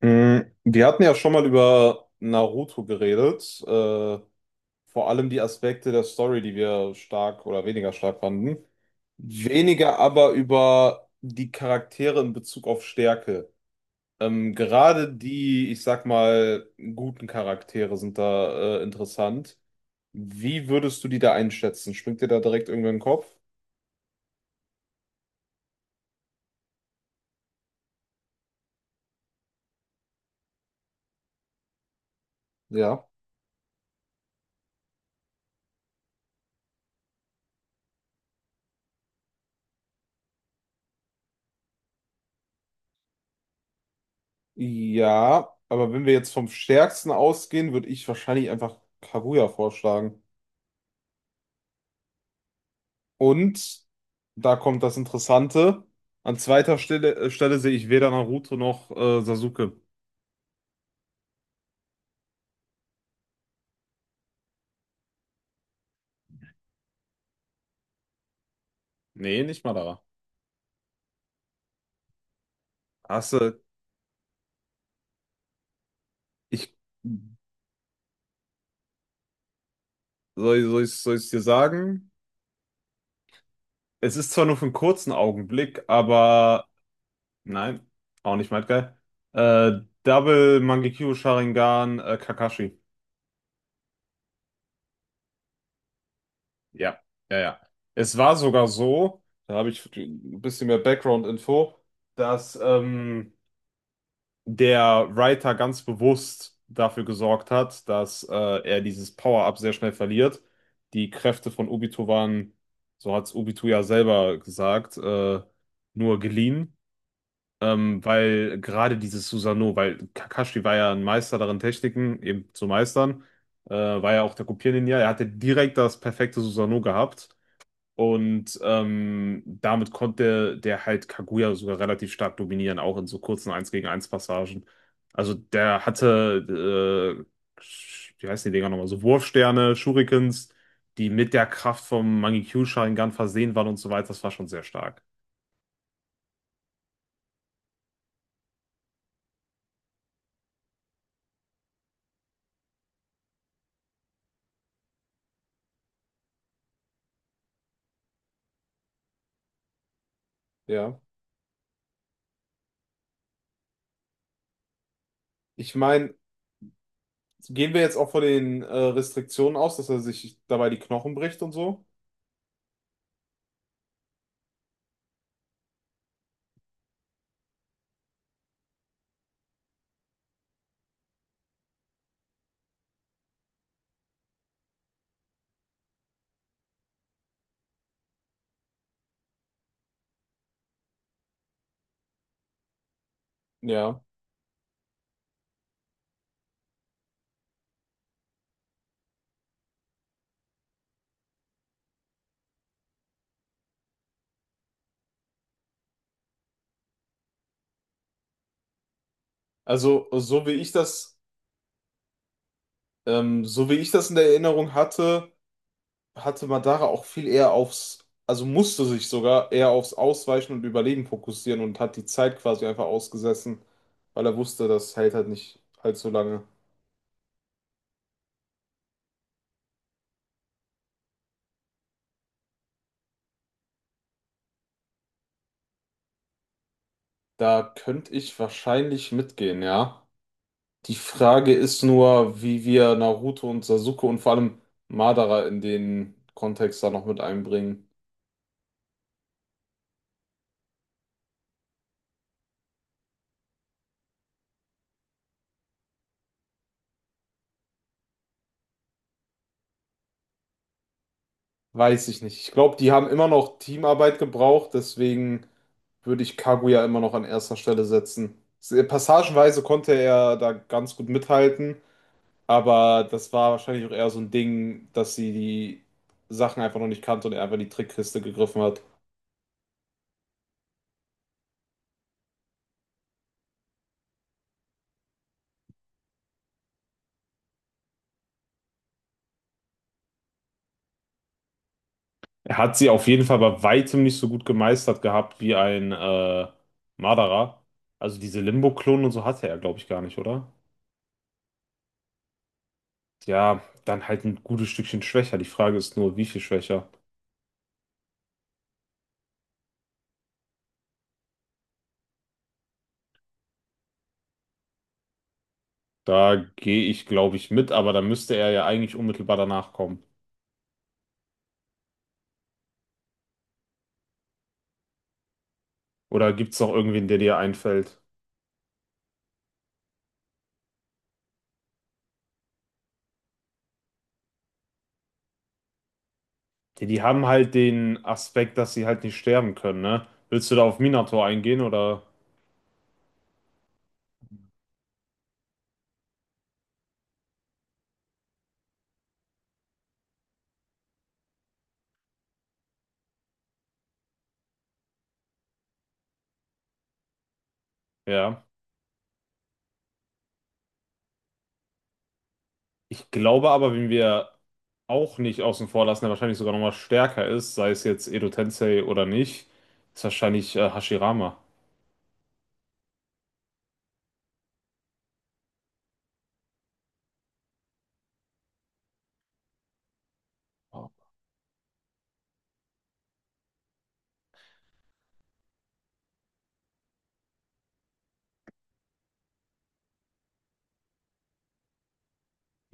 Wir hatten ja schon mal über Naruto geredet, vor allem die Aspekte der Story, die wir stark oder weniger stark fanden. Weniger aber über die Charaktere in Bezug auf Stärke. Gerade die, ich sag mal, guten Charaktere sind da interessant. Wie würdest du die da einschätzen? Springt dir da direkt irgendwer in den Kopf? Ja. Ja, aber wenn wir jetzt vom Stärksten ausgehen, würde ich wahrscheinlich einfach Kaguya vorschlagen. Und da kommt das Interessante. An zweiter Stelle, Stelle sehe ich weder Naruto noch Sasuke. Nee, nicht Madara. Hast du, ich, soll, soll ich dir sagen? Es ist zwar nur für einen kurzen Augenblick, aber nein, auch nicht mal geil. Double Mangekyou Sharingan Kakashi. Ja, ja, ja. Es war sogar so, da habe ich ein bisschen mehr Background-Info, dass der Writer ganz bewusst dafür gesorgt hat, dass er dieses Power-Up sehr schnell verliert. Die Kräfte von Obito waren, so hat es Obito ja selber gesagt, nur geliehen, weil gerade dieses Susanoo, weil Kakashi war ja ein Meister darin, Techniken eben zu meistern, war ja auch der Kopierninja, er hatte direkt das perfekte Susanoo gehabt. Und damit konnte der halt Kaguya sogar relativ stark dominieren, auch in so kurzen eins gegen eins Passagen. Also der hatte, äh, wie heißen die Dinger nochmal, so Wurfsterne, Shurikens, die mit der Kraft vom Mangekyou-Sharingan versehen waren und so weiter. Das war schon sehr stark. Ja. Ich meine, gehen wir jetzt auch von den Restriktionen aus, dass er sich dabei die Knochen bricht und so? Ja. Also, so wie ich das, so wie ich das in der Erinnerung hatte, hatte Madara auch viel eher aufs, also musste sich sogar eher aufs Ausweichen und Überleben fokussieren und hat die Zeit quasi einfach ausgesessen, weil er wusste, das hält halt nicht allzu lange. Da könnte ich wahrscheinlich mitgehen, ja. Die Frage ist nur, wie wir Naruto und Sasuke und vor allem Madara in den Kontext da noch mit einbringen. Weiß ich nicht. Ich glaube, die haben immer noch Teamarbeit gebraucht, deswegen würde ich Kaguya ja immer noch an erster Stelle setzen. Passagenweise konnte er da ganz gut mithalten, aber das war wahrscheinlich auch eher so ein Ding, dass sie die Sachen einfach noch nicht kannte und er einfach in die Trickkiste gegriffen hat. Er hat sie auf jeden Fall bei weitem nicht so gut gemeistert gehabt wie ein Madara. Also diese Limbo-Klonen und so hatte er, glaube ich, gar nicht, oder? Ja, dann halt ein gutes Stückchen schwächer. Die Frage ist nur, wie viel schwächer? Da gehe ich, glaube ich, mit, aber da müsste er ja eigentlich unmittelbar danach kommen. Oder gibt es noch irgendwen, der dir einfällt? Die, die haben halt den Aspekt, dass sie halt nicht sterben können, ne? Willst du da auf Minato eingehen oder? Ja. Ich glaube aber, wenn wir auch nicht außen vor lassen, der wahrscheinlich sogar nochmal stärker ist, sei es jetzt Edo Tensei oder nicht, ist wahrscheinlich Hashirama. Oh.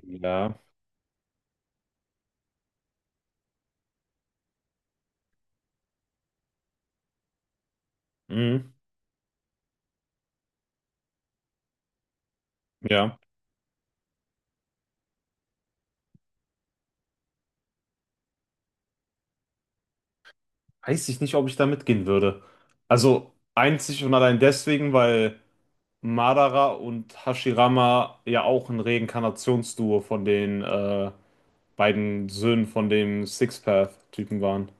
Ja. Mhm. Ja. Weiß ich nicht, ob ich da mitgehen würde. Also einzig und allein deswegen, weil Madara und Hashirama ja auch ein Reinkarnationsduo von den beiden Söhnen von dem Six Path typen waren.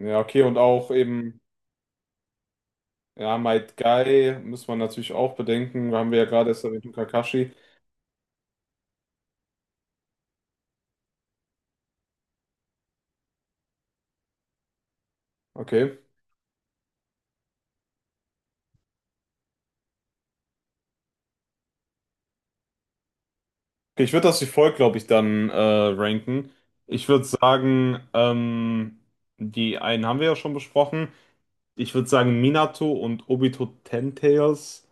Ja, okay, und auch eben, ja, Might Guy muss man natürlich auch bedenken. Haben wir ja gerade erst erwähnt, und Kakashi. Okay. Okay, ich würde das wie folgt, glaube ich, dann ranken. Ich würde sagen, die einen haben wir ja schon besprochen. Ich würde sagen, Minato und Obito Ten Tails.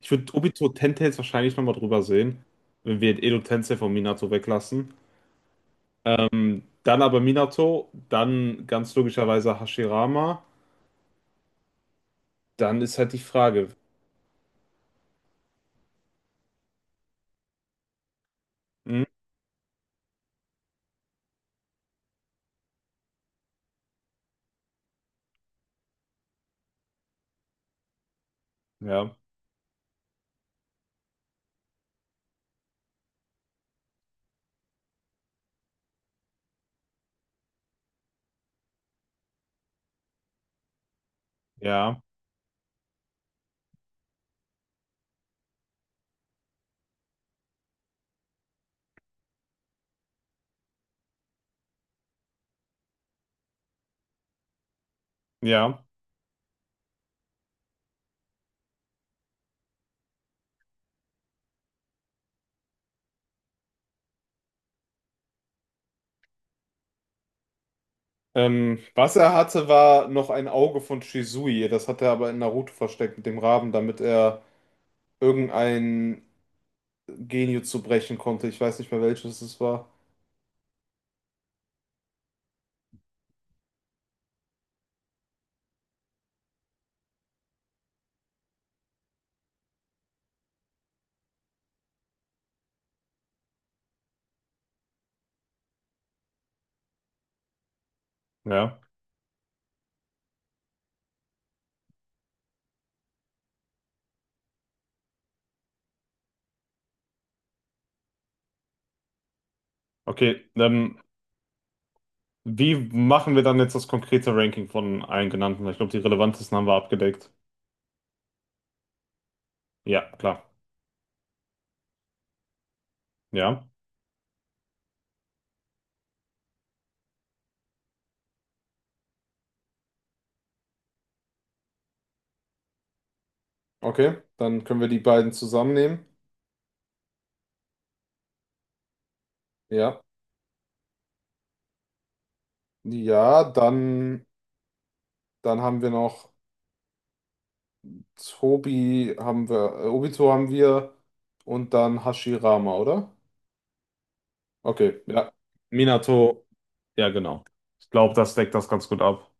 Ich würde Obito Tentails wahrscheinlich nochmal drüber sehen, wenn wir Edo Tensei von Minato weglassen. Dann aber Minato, dann ganz logischerweise Hashirama. Dann ist halt die Frage. Hm? Ja, ja, ja. Was er hatte, war noch ein Auge von Shisui. Das hat er aber in Naruto versteckt mit dem Raben, damit er irgendein Genjutsu brechen konnte. Ich weiß nicht mehr welches es war. Ja, okay. Wie machen wir dann jetzt das konkrete Ranking von allen genannten? Weil ich glaube, die relevantesten haben wir abgedeckt. Ja, klar. Ja. Okay, dann können wir die beiden zusammennehmen. Ja. Ja, dann, dann haben wir noch Tobi, haben wir, Obito haben wir und dann Hashirama, oder? Okay, ja. Minato. Ja, genau. Ich glaube, das deckt das ganz gut ab.